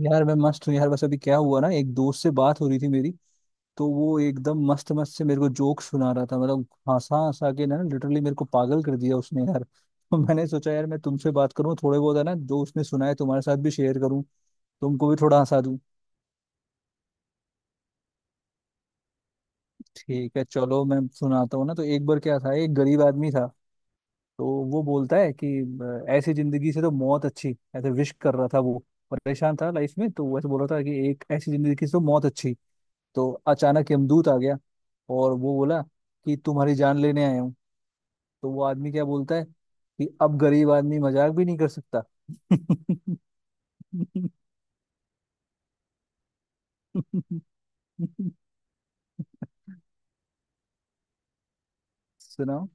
यार मैं मस्त हूँ यार। बस अभी क्या हुआ ना, एक दोस्त से बात हो रही थी मेरी। तो वो एकदम मस्त मस्त से मेरे को जोक सुना रहा था। मतलब हंसा हंसा के ना लिटरली मेरे को पागल कर दिया उसने यार। तो मैंने सोचा यार मैं तुमसे बात करूँ, थोड़े बहुत है ना जो उसने सुनाए तुम्हारे साथ भी शेयर करूँ, तुमको भी थोड़ा हंसा दूं। ठीक है, चलो मैं सुनाता हूँ ना। तो एक बार क्या था, एक गरीब आदमी था। तो वो बोलता है कि ऐसी जिंदगी से तो मौत अच्छी। ऐसे विश कर रहा था वो, परेशान था लाइफ में। तो वैसे बोल रहा था कि एक ऐसी जिंदगी से तो मौत अच्छी। तो अचानक यमदूत आ गया और वो बोला कि तुम्हारी जान लेने आया हूँ। तो वो आदमी क्या बोलता है कि अब गरीब आदमी मजाक भी नहीं कर सकता। सुनाओ।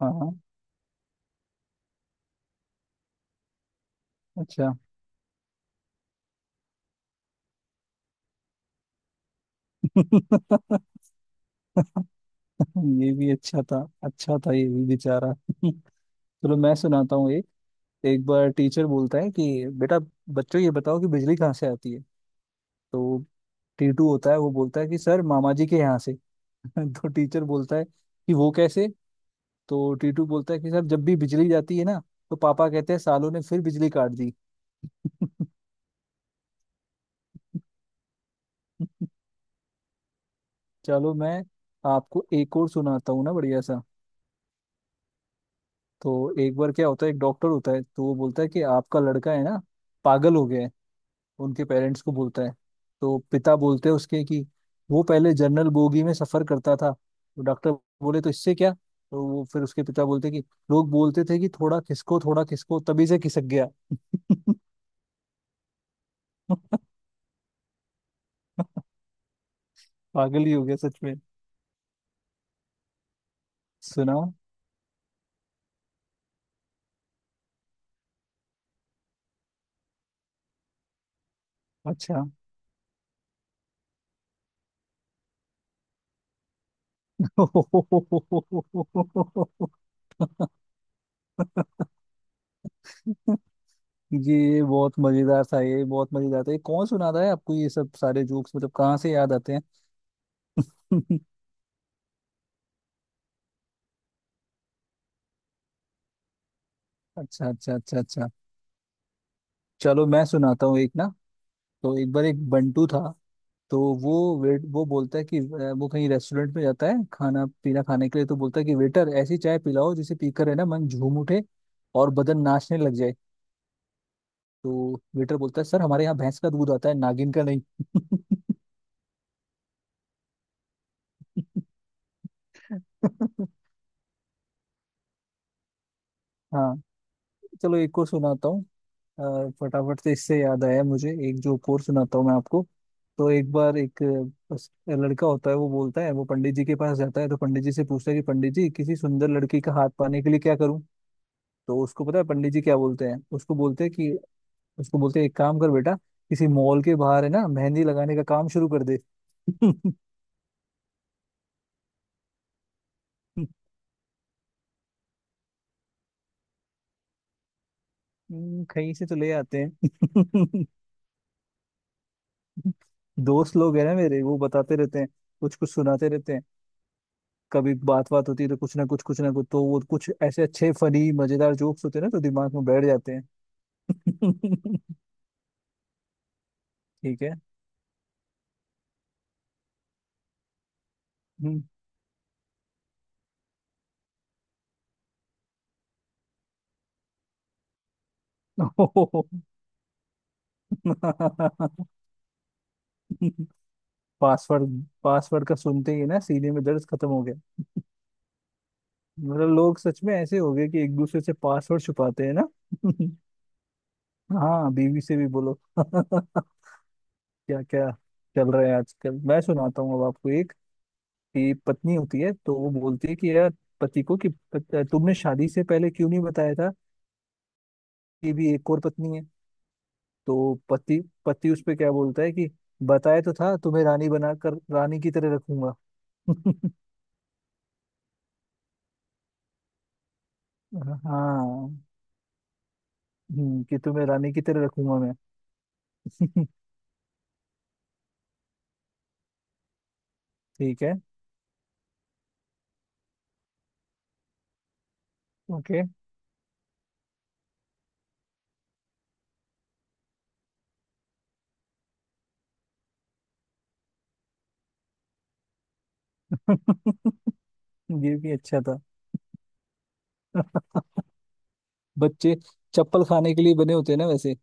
हाँ हाँ, अच्छा। ये भी अच्छा था, अच्छा था ये भी, बेचारा। चलो मैं सुनाता हूँ एक। एक बार टीचर बोलता है कि बेटा, बच्चों ये बताओ कि बिजली कहाँ से आती है। तो टीटू होता है, वो बोलता है कि सर मामा जी के यहाँ से। तो टीचर बोलता है कि वो कैसे। तो टीटू बोलता है कि सर जब भी बिजली जाती है ना तो पापा कहते हैं सालों ने फिर बिजली काट दी। चलो मैं आपको एक और सुनाता हूँ ना बढ़िया सा। तो एक बार क्या होता है, एक डॉक्टर होता है। तो वो बोलता है कि आपका लड़का है ना पागल हो गया है। उनके पेरेंट्स को बोलता है। तो पिता बोलते हैं उसके कि वो पहले जनरल बोगी में सफर करता था। तो डॉक्टर बोले तो इससे क्या। तो वो फिर उसके पिता बोलते कि लोग बोलते थे कि थोड़ा खिसको थोड़ा खिसको, तभी से खिसक गया। पागल ही हो गया सच में। सुनाओ। अच्छा। ये बहुत मजेदार था, ये बहुत मजेदार था। ये कौन सुना रहा है आपको ये सब सारे जोक्स, मतलब कहाँ से याद आते हैं। अच्छा अच्छा अच्छा अच्छा। चलो मैं सुनाता हूँ एक ना। तो एक बार एक बंटू था। तो वो वेट वो बोलता है कि वो कहीं रेस्टोरेंट में जाता है खाना पीना खाने के लिए। तो बोलता है कि वेटर ऐसी चाय पिलाओ जिसे पीकर है ना मन झूम उठे और बदन नाचने लग जाए। तो वेटर बोलता है सर हमारे यहाँ भैंस का दूध आता है, नागिन का नहीं। हाँ। चलो एक और सुनाता हूँ। फटाफट से इससे याद आया मुझे, एक जो और सुनाता हूँ मैं आपको। तो एक बार एक बस लड़का होता है। वो बोलता है, वो पंडित जी के पास जाता है। तो पंडित जी से पूछता है कि पंडित जी किसी सुंदर लड़की का हाथ पाने के लिए क्या करूं। तो उसको पता है पंडित जी क्या बोलते हैं, उसको बोलते हैं कि उसको बोलते हैं एक काम कर बेटा, किसी मॉल के बाहर है ना मेहंदी लगाने का काम शुरू कर दे। कहीं से तो ले आते हैं। दोस्त लोग हैं ना मेरे, वो बताते रहते हैं, कुछ कुछ सुनाते रहते हैं। कभी बात बात होती है तो कुछ ना कुछ, कुछ ना कुछ, तो वो कुछ ऐसे अच्छे फनी मजेदार जोक्स होते हैं ना तो दिमाग में बैठ जाते हैं। ठीक है। हम्म। पासवर्ड पासवर्ड का सुनते ही ना सीने में दर्द खत्म हो गया। मतलब लोग सच में ऐसे हो गए कि एक दूसरे से पासवर्ड छुपाते हैं ना। हाँ बीवी से भी बोलो। क्या क्या चल रहा है आजकल। मैं सुनाता हूँ अब आपको एक। की पत्नी होती है, तो वो बोलती है कि यार, पति को कि तुमने शादी से पहले क्यों नहीं बताया था कि भी एक और पत्नी है। तो पति पति उस पे क्या बोलता है कि बताया तो था, तुम्हें रानी बनाकर रानी की तरह रखूंगा। हाँ। कि तुम्हें रानी की तरह रखूंगा मैं। ठीक है। ओके। ये भी अच्छा था। बच्चे चप्पल खाने के लिए बने होते हैं ना वैसे।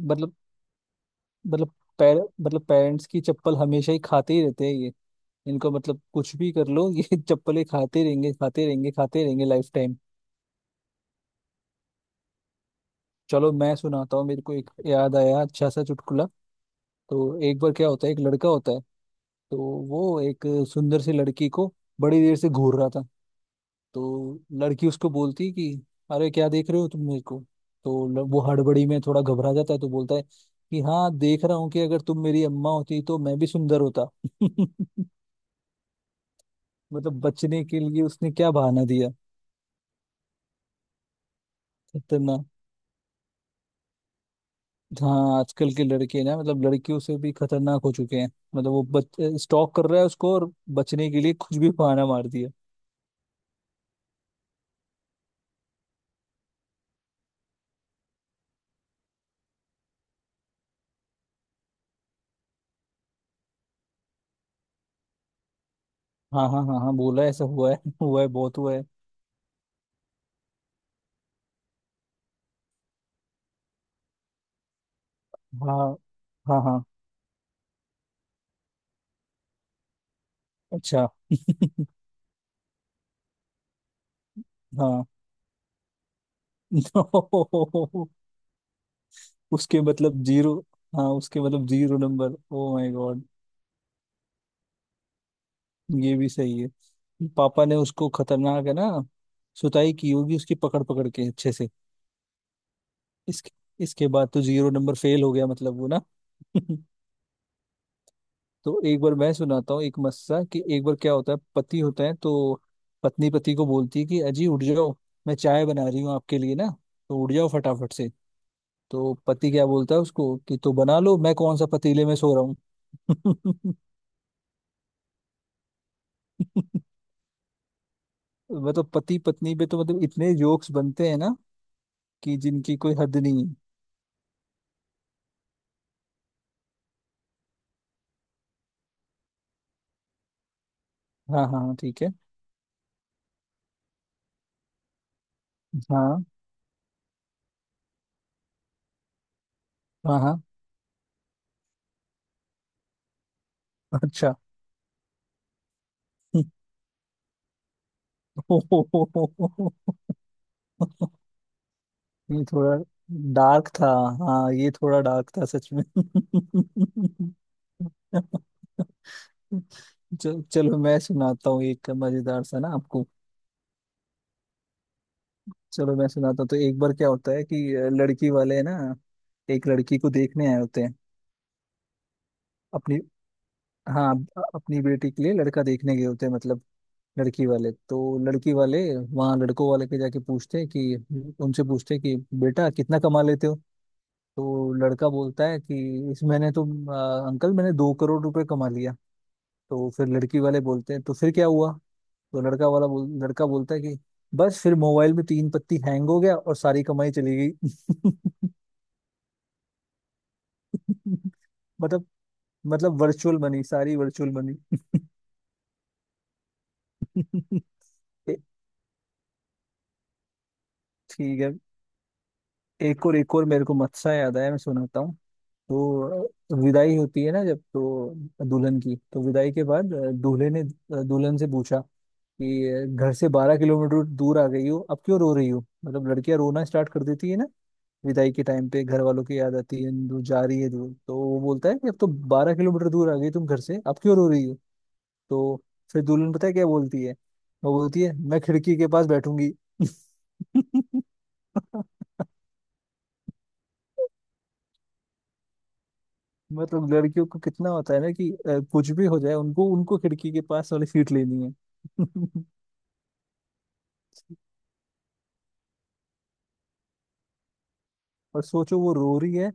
मतलब, मतलब पैर, मतलब पेरेंट्स की चप्पल हमेशा ही खाते ही रहते हैं। इनको मतलब कुछ भी कर लो, ये चप्पलें खाते रहेंगे, खाते रहेंगे, खाते रहेंगे लाइफ टाइम। चलो मैं सुनाता हूँ, मेरे को एक याद आया अच्छा सा चुटकुला। तो एक बार क्या होता है, एक लड़का होता है। तो वो एक सुंदर सी लड़की को बड़ी देर से घूर रहा था। तो लड़की उसको बोलती है कि अरे क्या देख रहे हो तुम मेरे को। तो वो हड़बड़ी में थोड़ा घबरा जाता है, तो बोलता है कि हाँ देख रहा हूँ कि अगर तुम मेरी अम्मा होती तो मैं भी सुंदर होता। मतलब बचने के लिए उसने क्या बहाना दिया। खतरनाक। हाँ आजकल के लड़के ना मतलब लड़कियों से भी खतरनाक हो चुके हैं। मतलब वो बच स्टॉक कर रहा है उसको और बचने के लिए कुछ भी बहाना मार दिया। हाँ हाँ हाँ हाँ, बोला है, ऐसा हुआ है। हुआ है, बहुत हुआ है। हाँ हाँ। हाँ। अच्छा। हाँ। नो, उसके मतलब जीरो। हाँ उसके मतलब zero number, oh my god. ये भी सही है। पापा ने उसको, खतरनाक है ना, सुताई की होगी उसकी पकड़ पकड़ के अच्छे से। इसके इसके बाद तो जीरो नंबर फेल हो गया मतलब वो ना। तो एक बार मैं सुनाता हूँ एक मस्सा, कि एक बार क्या होता है पति होता है। तो पत्नी पति को बोलती है कि अजी उठ जाओ, मैं चाय बना रही हूँ आपके लिए ना। तो उठ जाओ फटाफट से। तो पति क्या बोलता है उसको कि तो बना लो, मैं कौन सा पतीले में सो रहा हूँ। मतलब पति पत्नी पे तो मतलब इतने जोक्स बनते हैं ना कि जिनकी कोई हद नहीं है। हाँ हाँ हाँ, ठीक है। हाँ हाँ हाँ। अच्छा। ये थोड़ा डार्क था। हाँ ये थोड़ा डार्क था सच में। चल, चलो मैं सुनाता हूँ एक मजेदार सा ना आपको। चलो मैं सुनाता हूँ। तो एक बार क्या होता है कि लड़की वाले ना एक लड़की को देखने आए होते हैं अपनी। हाँ। अपनी बेटी के लिए लड़का देखने गए होते हैं मतलब लड़की वाले। तो लड़की वाले वहाँ लड़कों वाले के जाके पूछते हैं कि, उनसे पूछते हैं कि बेटा कितना कमा लेते हो। तो लड़का बोलता है कि इस मैंने तो अंकल मैंने 2 करोड़ रुपए कमा लिया। तो फिर लड़की वाले बोलते हैं तो फिर क्या हुआ। तो लड़का बोलता है कि बस फिर मोबाइल में तीन पत्ती हैंग हो गया और सारी कमाई चली गई। मतलब, मतलब वर्चुअल मनी, सारी वर्चुअल मनी। ए- ठीक है। एक और, एक और मेरे को मत्सा याद आया, मैं सुनाता हूँ। तो विदाई होती है ना जब, तो दुल्हन की, तो विदाई के बाद दूल्हे ने दुल्हन से पूछा कि घर से 12 किलोमीटर दूर आ गई हो, अब क्यों रो रही हो। मतलब लड़कियां रोना स्टार्ट कर देती है ना विदाई के टाइम पे, घर वालों की याद आती है, दूर जा रही है दूर। तो वो बोलता है कि अब तो 12 किलोमीटर दूर आ गई तुम घर से, अब क्यों रो रही हो। तो फिर दुल्हन पता है क्या बोलती है, वो बोलती है मैं खिड़की के पास बैठूंगी। मतलब लड़कियों को कितना होता है ना कि कुछ भी हो जाए उनको, उनको खिड़की के पास वाली सीट लेनी है। और सोचो वो रो रही है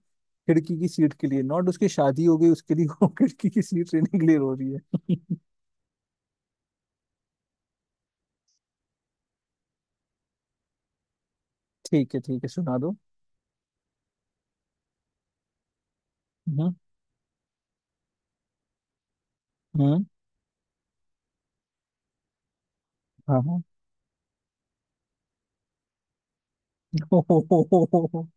खिड़की की सीट के लिए, नॉट उसकी शादी हो गई उसके लिए। वो खिड़की की सीट लेने के लिए रो रही है। ठीक है ठीक है, सुना दो। हम्म। हम्म। हाँ हाँ।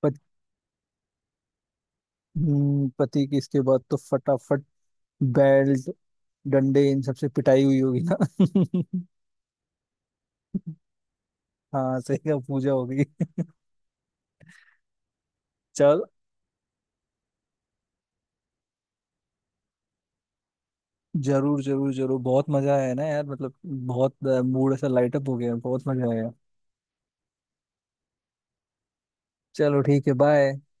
पत- पति की इसके बाद तो फटाफट बेल्ट डंडे इन सबसे पिटाई हुई होगी ना। हाँ सही का पूजा होगी। चल, जरूर जरूर जरूर, बहुत मजा आया ना यार, मतलब बहुत। मूड ऐसा लाइट अप हो गया, बहुत मजा आया। चलो ठीक है, बाय।